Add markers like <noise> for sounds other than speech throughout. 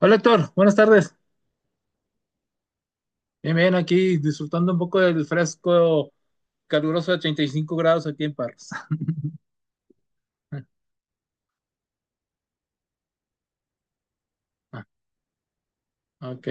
Hola Héctor, buenas tardes. Bien, bien, aquí disfrutando un poco del fresco caluroso de 35 grados aquí en Parras. <laughs> Ah, ok.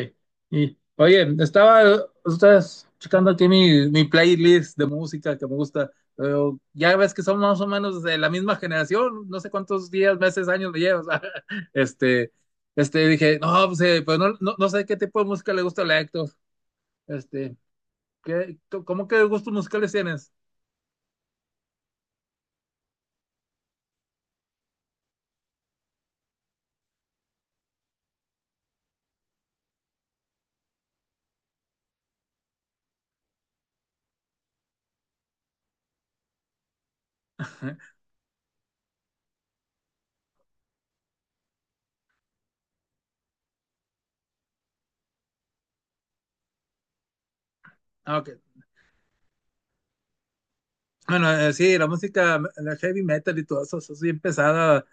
Y, oye, estaba ustedes checando aquí mi playlist de música que me gusta. Pero ya ves que somos más o menos de la misma generación, no sé cuántos días, meses, años me llevas. <laughs> Este, dije, no, pues, pues no sé qué tipo de música le gusta a la Héctor. Este, ¿qué, ¿cómo qué gustos musicales tienes? <laughs> Ah, ok. Bueno, sí, la música, la heavy metal y todo eso, eso es bien pesada.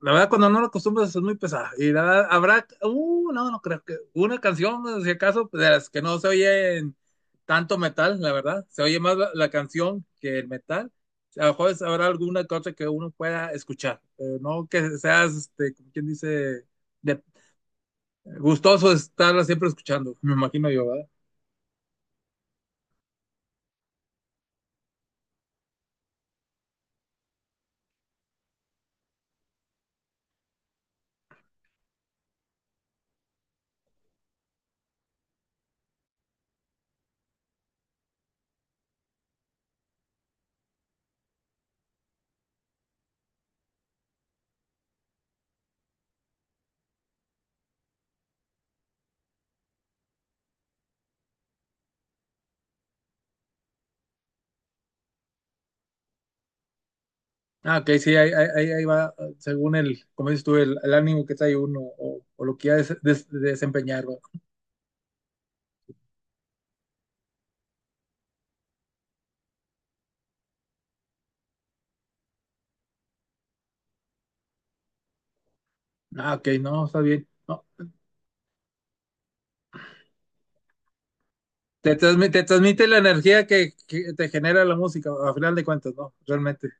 La verdad, cuando no lo acostumbras es muy pesada. Y la verdad, habrá, no, no creo que una canción, pues, si acaso, pues, de las que no se oye en tanto metal, la verdad. Se oye más la canción que el metal. A lo mejor habrá alguna cosa que uno pueda escuchar, pero no que seas, este, como quien dice, de- gustoso estarla siempre escuchando, me imagino yo. Ah, ok, sí, ahí va, según el, como dices tú, el ánimo que trae uno o lo que ya desempeñar, ¿verdad? Ah, ok, no, está bien. No, te transmite la energía que te genera la música, a final de cuentas, ¿no? Realmente.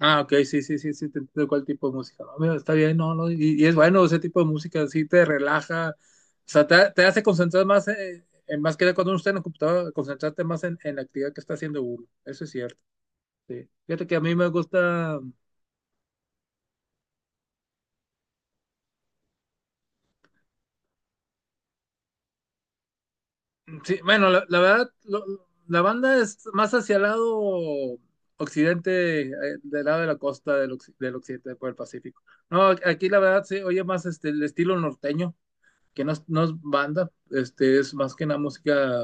Ah, ok, sí, te entiendo cuál tipo de música. No, mira, está bien, no, no, y es bueno ese tipo de música, sí te relaja, o sea, te hace concentrar más, en, más que nada cuando uno está en la computadora, concentrarte más en la actividad que está haciendo uno. Eso es cierto, sí. Fíjate que a mí me gusta. Sí, bueno, la verdad, la banda es más hacia el lado occidente, del lado de la costa del, del occidente por el Pacífico. No, aquí la verdad se oye más este, el estilo norteño, que no es, no es banda, este, es más que una música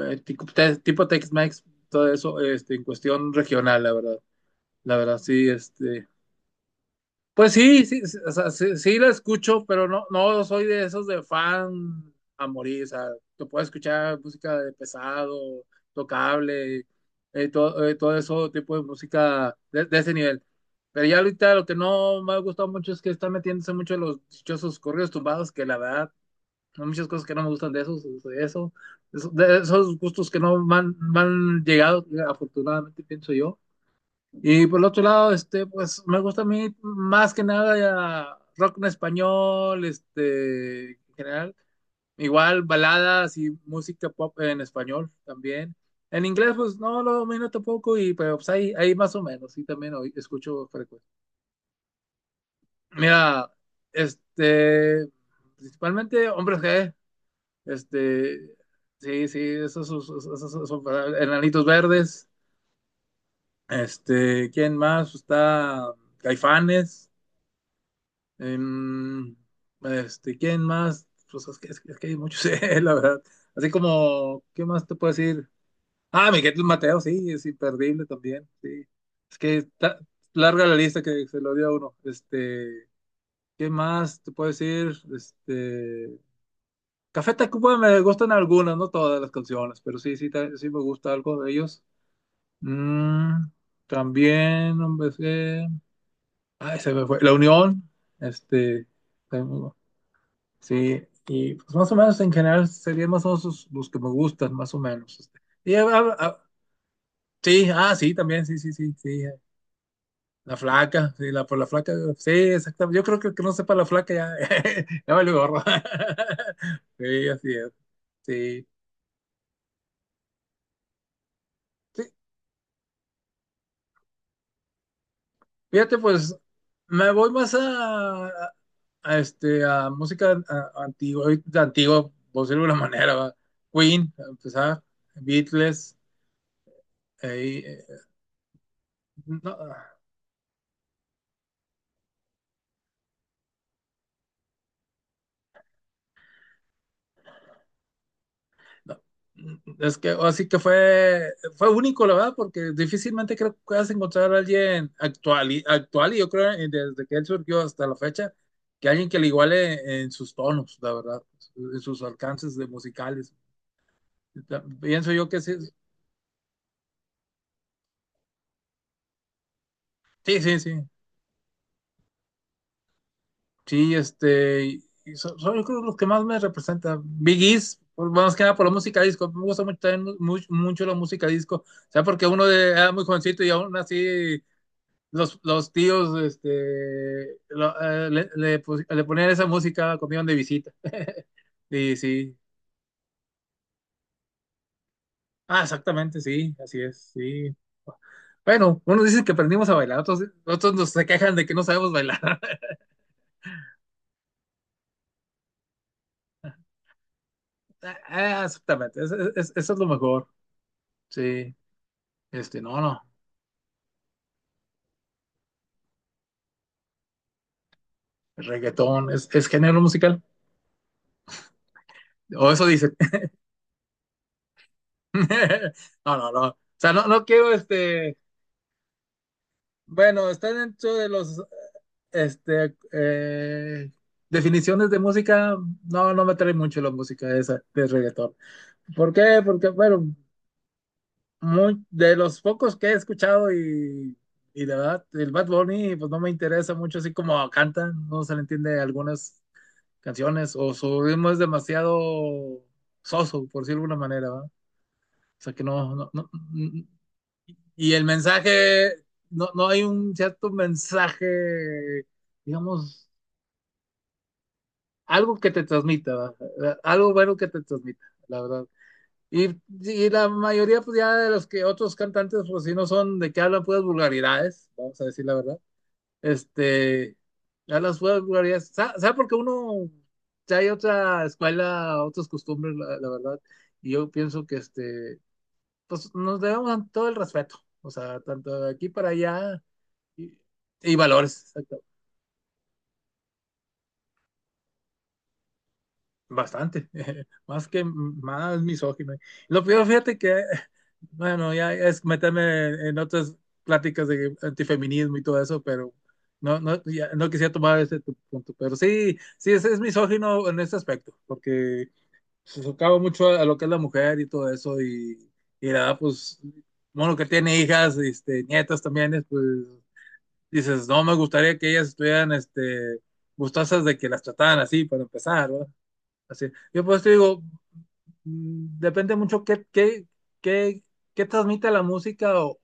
tipo, tipo Tex-Mex, todo eso, este, en cuestión regional, la verdad. La verdad, sí, este, pues sí, sí, sí, o sea, sí, sí la escucho, pero no, no soy de esos de fan a morir. O sea, te puedo escuchar música de pesado, tocable, todo eso tipo de música de ese nivel. Pero ya ahorita lo que no me ha gustado mucho es que están metiéndose mucho en los dichosos corridos tumbados, que la verdad, hay muchas cosas que no me gustan de esos, de eso, de esos gustos que no me han me han llegado, afortunadamente pienso yo. Y por el otro lado, este, pues me gusta a mí más que nada ya rock en español, este, en general, igual baladas y música pop en español también. En inglés, pues no lo domino tampoco, y pero pues ahí, ahí más o menos, sí también hoy escucho frecuente. Mira, este, principalmente Hombres G, este, sí, sí, esos son Enanitos Verdes, este, ¿quién más? Está Caifanes. Em, este, ¿quién más? Pues es que hay muchos, <laughs> la verdad. Así como, ¿qué más te puedo decir? Ah, Miguel Mateo, sí, es imperdible también, sí. Es que larga la lista que se lo dio a uno. Este, ¿qué más te puedo decir? Este, Café Tacuba me gustan algunas, no todas las canciones, pero sí, sí, sí me gusta algo de ellos. Mm, también, hombre, sí. Ay, se me fue. La Unión, este, sí y pues más o menos en general serían más o menos los que me gustan, más o menos, este. Y, sí, ah, sí, también, sí, sí, sí, sí. La flaca, sí, la, por la flaca, sí, exactamente. Yo creo que el que no sepa la flaca ya, <laughs> ya vale gorro. <laughs> Sí, así es. Sí. Sí, fíjate, pues me voy más a este, a música antigua, ahorita antigua, por decirlo de alguna manera, ¿va? Queen, a empezar, Beatles, eh, y, eh, no. No, mm, es que así que fue, fue único, la verdad, porque difícilmente creo que puedas encontrar a alguien actual y, actual, y yo creo desde que él surgió hasta la fecha, que alguien que le iguale en sus tonos, la verdad, en sus alcances de musicales. Ya, pienso yo que sí, sí, sí, sí, sí, este, y son, son, yo creo los que más me representan Biggies, más que nada por la música disco, me gusta mucho, también mucho, mucho la música disco, o sea, porque uno era muy jovencito y aún así los tíos este, le ponían esa música cuando iban de visita. <laughs> Y sí. Ah, exactamente, sí, así es, sí. Bueno, unos dicen que aprendimos a bailar, otros, otros nos se quejan de que no sabemos bailar. <laughs> Ah, exactamente, eso es lo mejor. Sí, este, no, no, el reggaetón es género musical, o eso dicen. <laughs> No, no, no, o sea, no, no quiero, este, bueno, está dentro de los este, definiciones de música, no, no me trae mucho la música esa de reggaetón. ¿Por qué? Porque, bueno, muy, de los pocos que he escuchado y de verdad, el Bad Bunny, pues no me interesa mucho, así como canta, no se le entiende algunas canciones, o su ritmo es demasiado soso, por decirlo de alguna manera, ¿va? O sea que no, no, no, y el mensaje, no, no hay un cierto mensaje, digamos, algo que te transmita, ¿va? Algo bueno que te transmita, la verdad. Y, la mayoría, pues ya de los que otros cantantes, pues si no son de que hablan puras vulgaridades, vamos a decir la verdad. Este, ya las puras vulgaridades, ¿sabes? ¿Sabe? Porque uno, ya hay otra escuela, otras costumbres, la verdad. Y yo pienso que, este, pues nos debemos todo el respeto, o sea, tanto de aquí para allá y, y valores, exactamente. Bastante, <laughs> más que más misógino. Lo peor, fíjate que, <laughs> bueno, ya es meterme en otras pláticas de antifeminismo y todo eso, pero no, no, ya no quisiera tomar ese tu punto. Pero sí, sí, es misógino en ese aspecto, porque se socava mucho a lo que es la mujer y todo eso, y la verdad, pues, bueno, que tiene hijas, este, nietas también, es, pues, dices, no me gustaría que ellas estuvieran, este, gustosas de que las trataran así para empezar, ¿verdad? Así. Yo pues te digo, mm, depende mucho qué, qué, qué, qué transmite la música o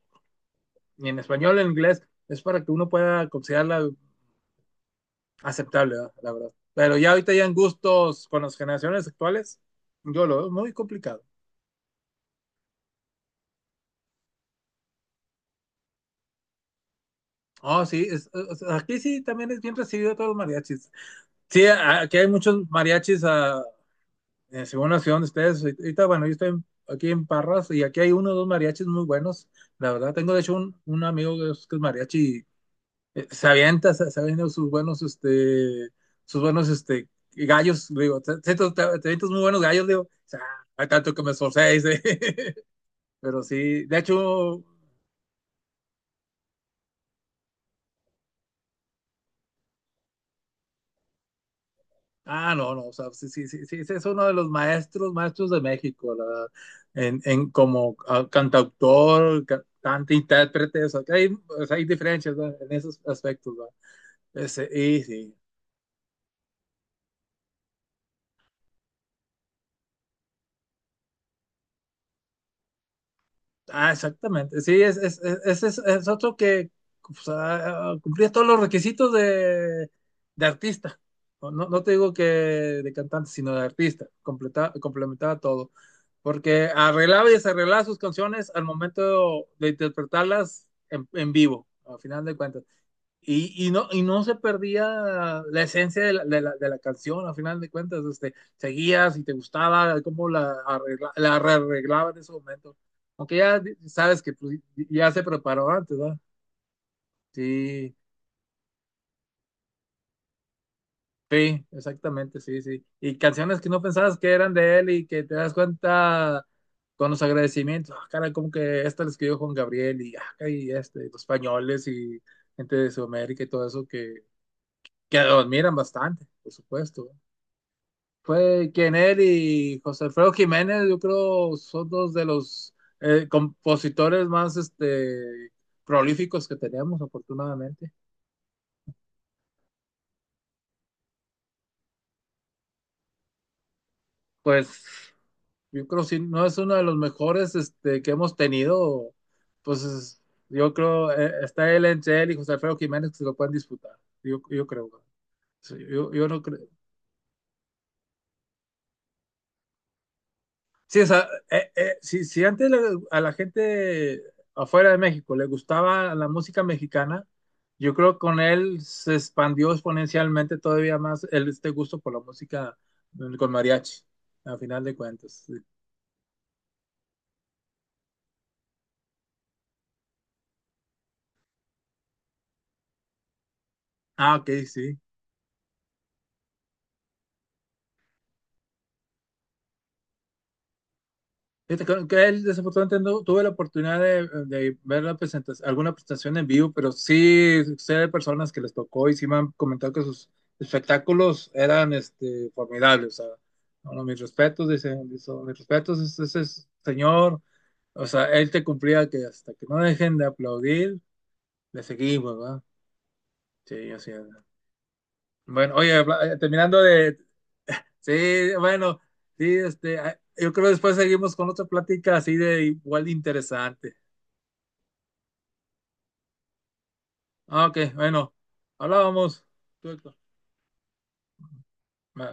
y en español o en inglés. Es para que uno pueda considerarla aceptable, ¿verdad? La verdad. Pero ya ahorita ya en gustos con las generaciones actuales, yo lo veo muy complicado. Oh, sí, aquí sí también es bien recibido todos los mariachis. Sí, aquí hay muchos mariachis, ah, según la ciudad de ustedes. Ahorita, bueno, yo estoy aquí en Parras y aquí hay 1 o 2 mariachis muy buenos. La verdad, tengo de hecho un amigo que es mariachi se avienta, se avienta sus buenos, este, gallos, digo, te avientas muy buenos gallos, digo, o sea, hay tanto que me esforcé, dice. <laughs> Pero sí, de hecho, ah, no, no, o sea, sí, sí, sí, sí, ese es uno de los maestros, maestros de México, la verdad, en como ah, cantautor, cantante, intérprete, o sea, que hay, o sea, hay diferencias, ¿verdad? En esos aspectos, ¿verdad? Ese, y sí, ah, exactamente. Sí, es otro que pues, ah, cumplía todos los requisitos de artista. No, no te digo que de cantante, sino de artista. Complementaba todo. Porque arreglaba y desarreglaba sus canciones al momento de interpretarlas en vivo, al final de cuentas. Y no se perdía la esencia de la, de la, de la canción, a final de cuentas, este, seguías y te gustaba cómo la, arregla, la arreglaba en ese momento. Aunque ya sabes que pues, ya se preparó antes, ¿verdad? Sí, sí, exactamente, sí, sí. Y canciones que no pensabas que eran de él y que te das cuenta con los agradecimientos, ah, cara, como que esta la escribió Juan Gabriel y, ah, y este, los españoles y gente de Sudamérica y todo eso que lo admiran bastante, por supuesto. ¿No? Fue quien él y José Alfredo Jiménez, yo creo, son dos de los compositores más este, prolíficos que teníamos afortunadamente. Pues yo creo si no es uno de los mejores este, que hemos tenido, pues yo creo, está él entre él y José Alfredo Jiménez que se lo pueden disputar. Yo creo. Sí, yo no creo. Sí, o sea, si, si antes a la gente afuera de México le gustaba la música mexicana, yo creo que con él se expandió exponencialmente todavía más el, este gusto por la música mm, con mariachi, a final de cuentas. Sí. Ah, ok, sí. Fíjate que él, desafortunadamente no tuve la oportunidad de ver la presentación, alguna presentación en vivo, pero sí sé de personas que les tocó y sí me han comentado que sus espectáculos eran este, formidables. O sea, bueno, mis respetos, dicen, dicen, mis respetos, ese, señor, o sea, él te cumplía que hasta que no dejen de aplaudir, le seguimos, ¿verdad? Sí, así es. Bueno, oye, terminando de, sí, bueno, sí, este, ah, yo creo que después seguimos con otra plática así de igual de interesante. Ah, ok, bueno, hablábamos. Tú, Héctor. Va.